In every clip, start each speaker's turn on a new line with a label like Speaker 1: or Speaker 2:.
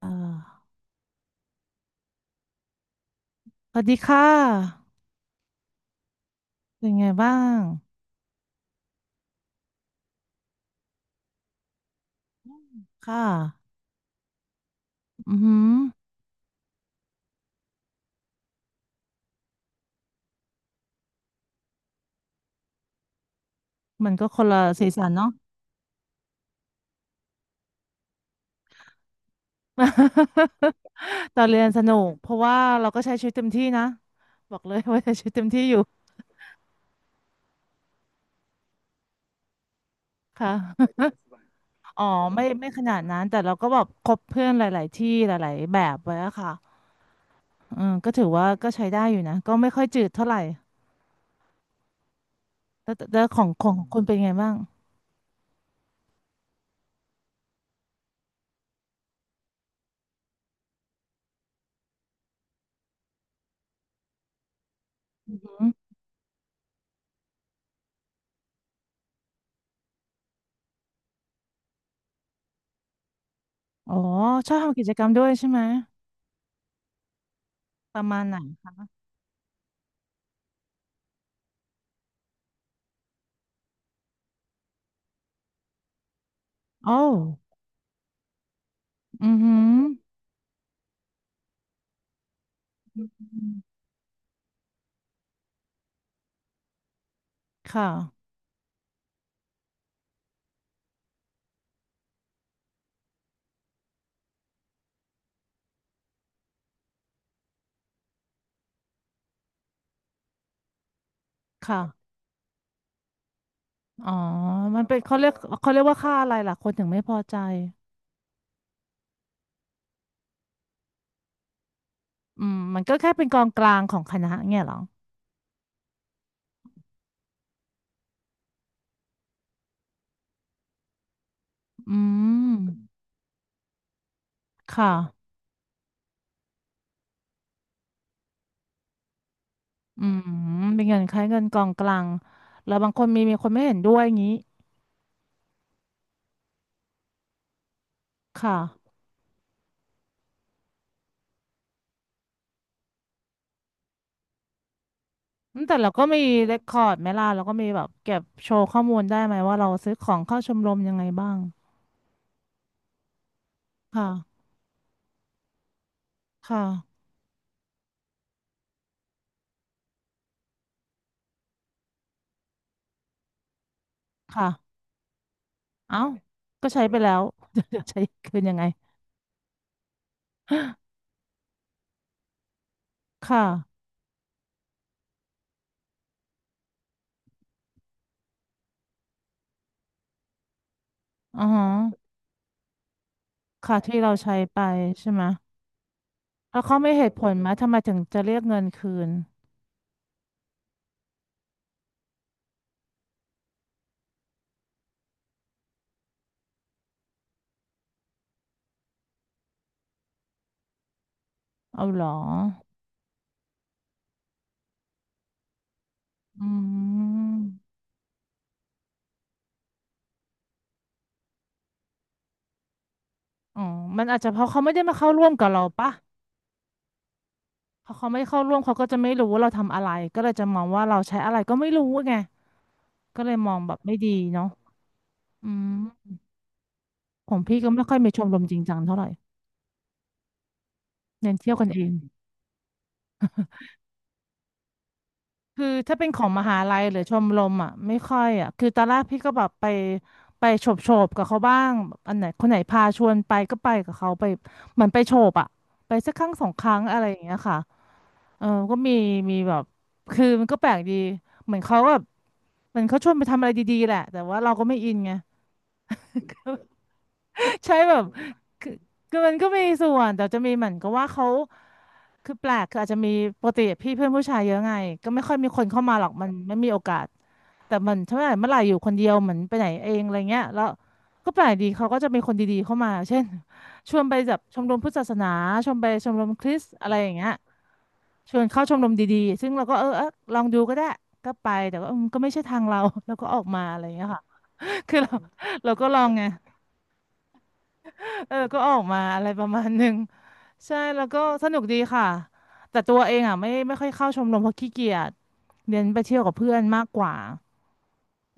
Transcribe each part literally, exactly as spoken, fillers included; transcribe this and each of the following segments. Speaker 1: เอ่อสวัสดีค่ะเป็นไงบ้างค่ะอือหือมันก็คนละสีสันเนาะ ตอนเรียนสนุกเพราะว่าเราก็ใช้ชีวิตเต็มที่นะบอกเลยว่าใช้ชีวิตเต็มที่อยู่ค่ะอ๋อไม่ไม่ขนาดนั้นแต่เราก็แบบคบเพื่อนหลายๆที่หลายๆแบบไว้อะค่ะอืมก็ถือว่าก็ใช้ได้อยู่นะก็ไม่ค่อยจืดเท่าไหร่แล้วแต่แล้วของของคุณเป็นไงบ้างอืมอ๋อชอบทำกิจกรรมด้วยใช่ไหมประมาณไหนโอ้อือหือ ค่ะค่ะอ๋อมันเป็นเขาเรียกเขาเรียกว่าค่าอะไรล่ะคนถึงไม่พอใจอืมมันก็แค่เป็นกองกลางของคณะเงี้ยเหรออืมค่ะอืมเป็นเงินคล้ายเงินกองกลางแล้วบางคนมีมีคนไม่เห็นด้วยอย่างนี้ค่ะอืมแต่เราก็มีเรคคอร์ดไหมล่ะเราก็มีแบบเก็บโชว์ข้อมูลได้ไหมว่าเราซื้อของเข้าชมรมยังไงบ้างค่ะค่ะค่ะเอ้าก็ใช้ไปแล้ว จะใช้คืนยังไงค่ะอ๋อ ค่ะที่เราใช้ไปใช่ไหมแล้วเขาไม่เหตุผลไหมทำไมถึงจะเรียกเงินคืนเอาเหรออืมอ๋อมันอาจจะเพราะเขาไม่ได้มาเข้าร่วมกับเราปะพอเขาไม่เข้าร่วมเขาก็จะไม่รู้ว่าเราทำอะไรก็เลยจะมองว่าเราใช้อะไรก็ไม่รู้ไงก็เลยมองแบบไม่ดีเนาะอืมของพี่ก็ไม่ค่อยมีชมรมจริงจังเท่าไหร่เน้นเที่ยวกันเอง คือถ้าเป็นของมหาลัยหรือชมรมอ่ะไม่ค่อยอ่ะคือตอนแรกพี่ก็แบบไปไปโฉบโฉบกับเขาบ้างแบบอันไหนคนไหนพาชวนไปก็ไปกับเขาไปเหมือนไปโฉบอ่ะไปสักครั้งสองครั้งอะไรอย่างเงี้ยค่ะเออก็มีมีแบบคือมันก็แปลกดีเหมือนเขาแบบเหมือนเขาชวนไปทำอะไรดีๆแหละแต่ว่าเราก็ไม่อินไง ใช่แบบคือคือมันก็มีส่วนแต่จะมีเหมือนกับว่าเขาคือแปลกคืออาจจะมีปกติพี่เพื่อนผู้ชายเยอะไงก็ไม่ค่อยมีคนเข้ามาหรอกมันไม่มีโอกาสแต่มันถ้าเมื่อไหร่เมื่อไหร่อยู่คนเดียวเหมือนไปไหนเองอะไรเงี้ยแล้วก็แปลกดีเขาก็จะมีคนดีๆเข้ามาเช่นชวนไปแบบชมรมพุทธศาสนาชวนไปชมรมคริสต์อะไรอย่างเงี้ยชวนเข้าชมรมดีๆซึ่งเราก็เออเออลองดูก็ได้ก็ไปแต่ว่าอืมก็ไม่ใช่ทางเรา แล้วก็ออกมาอะไรอย่างเงี้ยค่ะ คือเราเราก็ลองไง เออก็ออกมาอะไรประมาณหนึ่งใช่แล้วก็สนุกดีค่ะแต่ตัวเองอ่ะไม่ไม่ค่อยเข้าชมรมเพราะขี้เกียจเรียนไปเที่ยวกับเพื่อนมากกว่า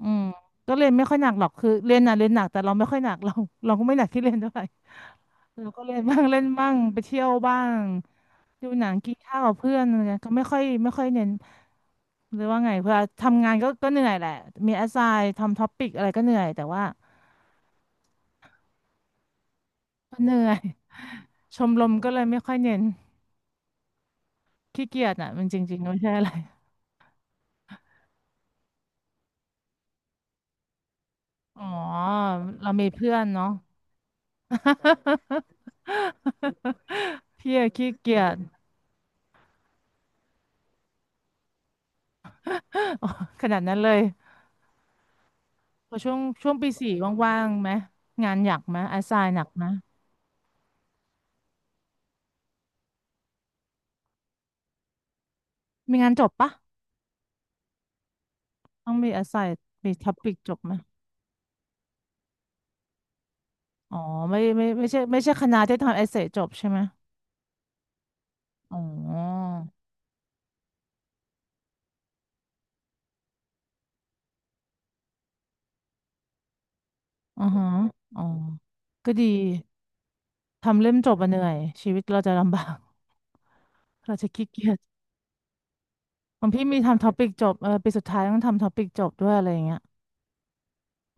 Speaker 1: อืมก็เรียนไม่ค่อยหนักหรอกคือเรียนน่ะเรียนหนักแต่เราไม่ค่อยหนักเรา เราก็ไม่หนักที่เรียนเท่าไหร่เราก็เรียนบ้างเล่นบ้างไปเที่ยวบ้างดูหนังกินข้าวกับเพื่อนอะไรเงี้ยก็ไม่ค่อยไม่ค่อยเน้นหรือว่าไงเพื่อทำงานก็ก็เหนื่อยแหละมีแอสไซน์ทำท็อปิกอะไรก็เหนื่อยแต่ว่าก็เหนื่อย ชมรมก็เลยไม่ค่อยเน้น ขี้เกียจน่ะมันจริงๆไม่ใช่อะไรอ๋อเรามีเพื่อนเนาะ พี่อะขี้เกียจอ๋อขนาดนั้นเลยพอช่วงช่วงปีสี่ว่างๆไหมงานหนักไหมอาไซน์หนักไหมมีงานจบปะต้องมีอาไซน์มีท็อปิกจบไหมอ๋อไม่ไม่ไม่ใช่ไม่ใช่คณะที่ทำเอเซจบใช่ไหมอ๋ออือฮะอ๋อก็ดีทำเล่มจบอะเหนื่อยชีวิตเราจะลำบาก เราจะขี้เกียจ ของพี่มีทำท็อปิกจบเออปีสุดท้ายต้องทำท็อปิกจบด้วยอะไรอย่างเงี้ย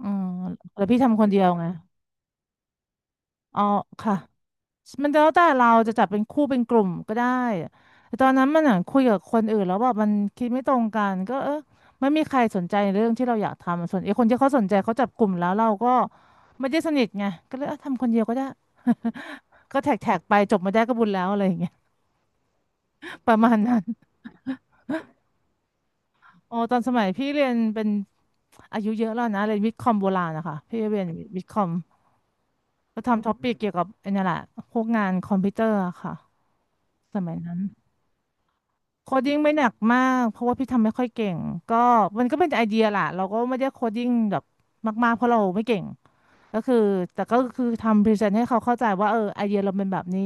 Speaker 1: อืมแล้วพี่ทำคนเดียวไงอ๋อค่ะมันแล้วแต่เราจะจับเป็นคู่เป็นกลุ่มก็ได้แต่ตอนนั้นมันอ่ะคุยกับคนอื่นแล้วแบบมันคิดไม่ตรงกันก็เออไม่มีใครสนใจเรื่องที่เราอยากทำส่วนไอ้คนที่เขาสนใจเขาจับกลุ่มแล้วเราก็ไม่ได้สนิทไงก็เลยเออทำคนเดียวก็ได้ ก็แท็กแท็กไปจบมาได้ก็บุญแล้วอะไรอย่างเงี้ยประมาณนั้น อ๋อตอนสมัยพี่เรียนเป็นอายุเยอะแล้วนะเรียนวิทย์คอมโบราณนะคะพี่เรียนวิทย์คอมก็ทำท็อปิกเกี่ยวกับไอ้นี่แหละพวกงานคอมพิวเตอร์อะค่ะสมัยนั้นโคดดิ้งไม่หนักมากเพราะว่าพี่ทำไม่ค่อยเก่งก็มันก็เป็นไอเดียแหละเราก็ไม่ได้โคดดิ้งแบบมากๆเพราะเราไม่เก่งก็คือแต่ก็คือทำพรีเซนต์ให้เขาเข้าใจว่าเออไอเดียเราเป็นแบบนี้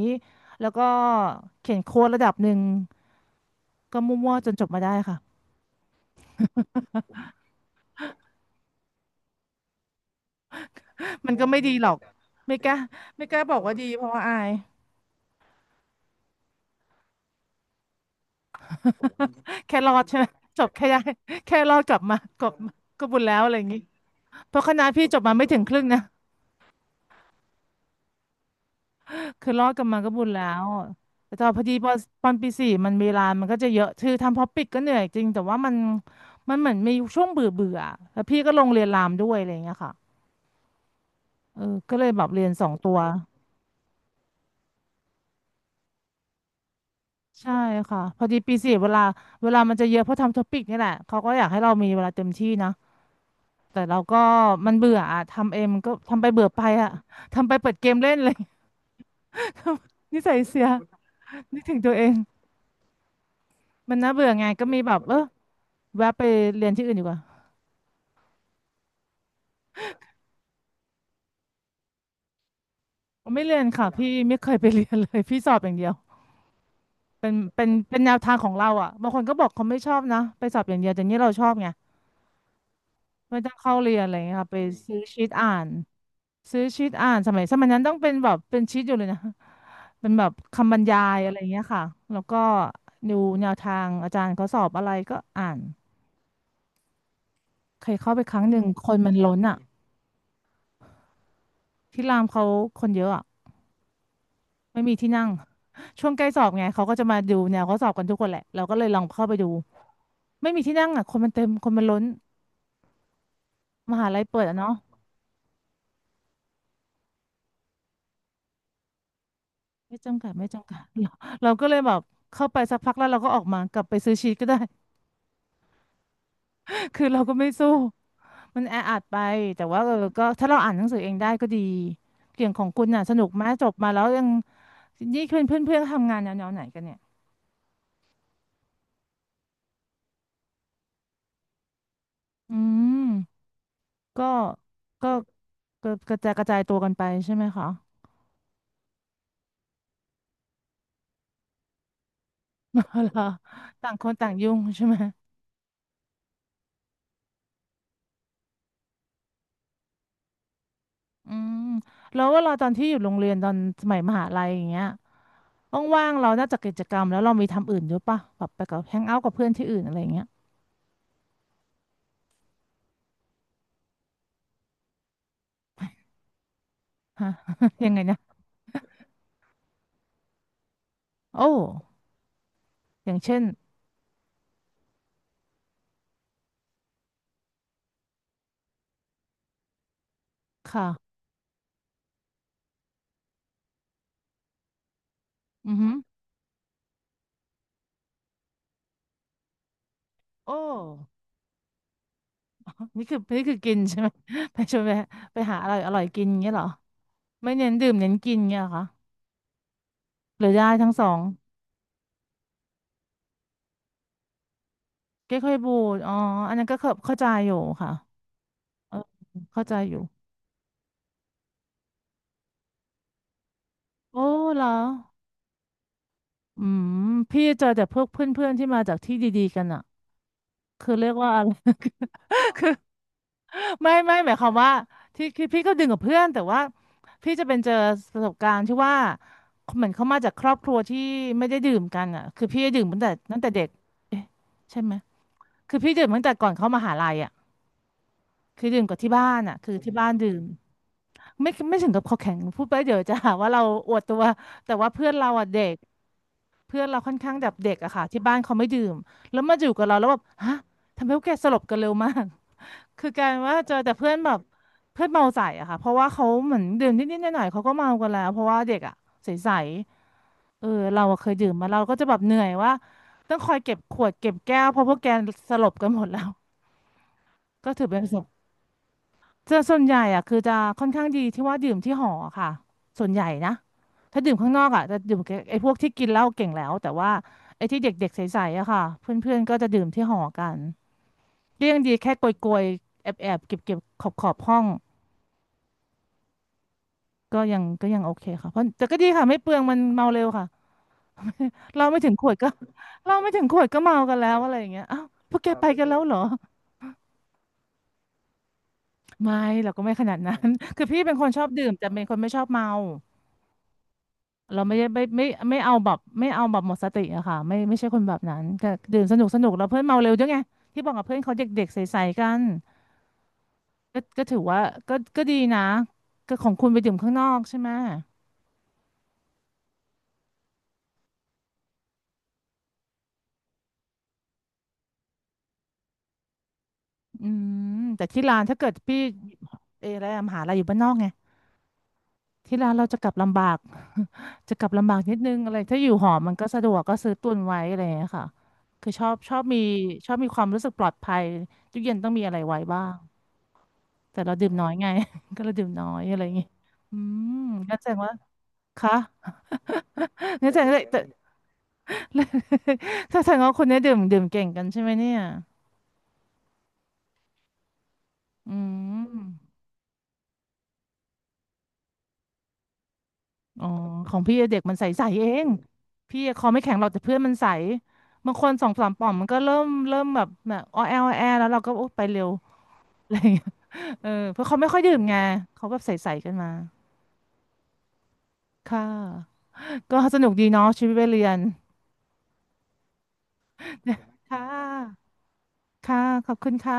Speaker 1: แล้วก็เขียนโค้ดระดับหนึ่งก็มั่วๆจนจบมาได้ค่ะมันก็ไม่ดีหรอกไม่กล้าไม่กล้าบอกว่าดีเพราะว่าอาย แค่รอดใช่ไหมจบแค่ได้ แค่รอดกลับมากลับก็บุญแล้วอะไรอย่างนี้เพราะคณะพี่จบมาไม่ถึงครึ่งนะคือรอดกลับมาก็บุญแล้วแต่ตอนพอดีพอตอนปีสี่มันเวลามันก็จะเยอะคือทำพอปิดก็เหนื่อยจริงแต่ว่ามันมันเหมือนมีช่วงเบื่อเบื่อแล้วพี่ก็ลงเรียนรามด้วยอะไรอย่างเงี้ยค่ะเออก็เลยแบบเรียนสองตัวใช่ค่ะพอดีปีสี่เวลาเวลามันจะเยอะเพราะทำท็อปิกนี่แหละเขาก็อยากให้เรามีเวลาเต็มที่นะแต่เราก็มันเบื่ออะทำเองมันก็ทำไปเบื่อไปอะทำไปเปิดเกมเล่นเลย นิสัยเสียนึกถึงตัวเองมันน่าเบื่อไงก็มีแบบเออแวะไปเรียนที่อื่นดีกว่าผมไม่เรียนค่ะพี่ไม่เคยไปเรียนเลยพี่สอบอย่างเดียวเป็นเป็นเป็นแนวทางของเราอ่ะบางคนก็บอกเขาไม่ชอบนะไปสอบอย่างเดียวแต่นี่เราชอบไงไม่ต้องเข้าเรียนอะไรอย่างเงี้ยค่ะไปซื้อชีตอ่านซื้อชีตอ่านสมัยสมัยนั้นต้องเป็นแบบเป็นชีตอยู่เลยนะเป็นแบบคำบรรยายอะไรอย่างเงี้ยค่ะแล้วก็ดูแนวทางอาจารย์เขาสอบอะไรก็อ่านเคยเข้าไปครั้งหนึ่งคนมันล้นอ่ะที่รามเขาคนเยอะอ่ะ ไม่มีที่นั่ง ช่วงใกล้สอบไงเขาก็จะมาดูแนวเขาสอบกันทุกคนแหละเราก็เลยลองเข้าไปดูไม่มีที่นั่งอ่ะคนมันเต็มคนมันล้นมหาลัยเปิดอ่ะเนาะไม่จำกัดไม่จำกัด เราเราก็เลยแบบเข้าไปสักพักแล้วเราก็ออกมากลับไปซื้อชีทก็ได้ คือเราก็ไม่สู้มันแออัดไปแต่ว่าเออก็ถ้าเราอ่านหนังสือเองได้ก็ดีเกี่ยงของคุณน่ะสนุกไหมจบมาแล้วยังนี่เพื่อนเพื่อนเพื่อนทำงานแนวๆไหนกันเนี่ยอืมก็ก็ก็กระจายกระจายตัวกันไปใช่ไหมคะ อ๋อเหรอต่างคนต่างยุ่งใช่ไหมอืมแล้วเวลาตอนที่อยู่โรงเรียนตอนสมัยมหาลัยอย่างเงี้ยว่างๆเรานอกจากกิจกรรมแล้วเรามีทำอื่นด้วยปะแบบไปกับแฮงเอาท์กับเพื่อนที่อื่นอะไรอย่างเงี้ยฮะ ยังไงนะโอ้อย่างเช่นค่ะอือหือโอ้นี่คือนี่คือกินใช่ไหม ไปชวนไปไปหาอร่อยอร่อยกินอย่างเงี้ยเหรอไม่เน้นดื่มเน้นกินเงี้ยเหรอคะหรือได้ทั้งสองเก๊กฮวยบูดอ๋ออันนั้นก็เข้าเข้าใจอยู่ค่ะเออเข้าใจอยู่โอ้เหรอ อืมพี่เจอแต่พวกเพื่อนๆที่มาจากที่ดีๆกันอะคือเรียกว่าอะไร ไม่ไม่หมายความว่าที่คือพี่ก็ดึงกับเพื่อนแต่ว่าพี่จะเป็นเจอประสบการณ์ที่ว่าเหมือนเขามาจากครอบครัวที่ไม่ได้ดื่มกันอะคือพี่ดื่มตั้งแต่ตั้งแต่เด็กเอ๊ะใช่ไหมคือพี่ดื่มตั้งแต่ก่อนเข้ามหาลัยอะคือดื่มกับที่บ้านอะคือที่บ้านดื่มไม่ไม่ถึงกับคอแข็งพูดไปเดี๋ยวจะหาว่าเราอวดตัวแต่ว่าเพื่อนเราอะเด็ก เพื่อนเราค่อนข้างแบบเด็กอะค่ะที่บ้านเขาไม่ดื่มแล้วมาอยู่กับเราแล้วแบบฮะทำไมพวกแกสลบกันเร็วมาก คือกลารว่าเจอแต่เพื่อนแบบเพื่อนเมาใส่อะค่ะเพราะว่าเขาเหมือนดื่มนิดๆหน่อยๆเขาก็เมากันแล้วเพราะว่าเด็กอะใสๆเออเราอะเคยดื่มมาเราก็จะแบบเหนื่อยว่าต้องคอยเก็บขวดเก็บแก้วเพราะพวกแกสลบกันหมดแล้วก็ถือเป็นประสบ จะส่วนใหญ่อะคือจะค่อนข้างดีที่ว่าดื่มที่หอค่ะส่วนใหญ่นะถ้าดื่มข้างนอกอะจะดื่มกับไอ้พวกที่กินเหล้าเก่งแล้วแต่ว่าไอ้ที่เด็กๆใสๆอะค่ะเพื่อนๆก็จะดื่มที่หอกันก็ยังดีแค่โกยๆแอบๆเก็บๆขอบๆห้องก็ยังก็ยังโอเคค่ะเพราะแต่ก็ดีค่ะไม่เปลืองมันเมาเร็วค่ะเราไม่ถึงขวดก็ เราไม่ถึงขวดก็เมากันแล้วอะไรอย่างเงี้ยอ้าวพวกแกครับไปกันแล้วเหรอไม่เราก็ไม่ขนาดนั้น คือพี่เป็นคนชอบดื่มแต่เป็นคนไม่ชอบเมา เราไม่ได้ไม่ไม่ไม่ไม่เอาแบบไม่เอาแบบหมดสติอะค่ะไม่ไม่ใช่คนแบบนั้นก็ดื่มสนุกสนุกแล้วเพื่อนเมาเร็วด้วยไงที่บอกกับเพื่อนเขาเด็กๆใสๆกันก็ก็ถือว่าก็ก็ดีนะก็ของคุณไปดื่มข้างนอกใช่ไหมอืมแต่ที่ร้านถ้าเกิดพี่เอออะไรอะมหาลัยอยู่บ้านนอกไงที่ร้านเราจะกลับลำบาก จะกลับลำบากนิดนึงอะไรถ้าอยู่หอมันก็สะดวกก็ซื้อตุนไว้อะไรอย่างเงี้ยค่ะคือชอบชอบมีชอบมีความรู้สึกปลอดภัยทุกเย็นต้องมีอะไรไว้บ้าง แต่เราดื่มน้อยไง ก็เราดื่มน้อยอะไรอย่างงี้อืมงั้นแสดงว่าคะ งั้นแสดงว่าแต่ถ้าแสดงว่าคนเนี้ยดื่มดื่มเก่งกันใช่ไหมเนี่ยอืมอ๋อของพี่เด็กมันใสๆเองพี่คอไม่แข็งหรอกแต่เพื่อนมันใสบางคนสองสามป่อมมันก็เริ่มเริ่มแบบแบบอ้อแออ้อแอแล้วเราก็โอไปเร็ว อะไรอย่างเงี้ยเออเพราะเขาไม่ค่อยดื่มไงเขาแบบใสๆกันมาค่ะก็สนุกดีเนาะชีวิตวัยเรียน ค่ะค่ะขอบคุณค่ะ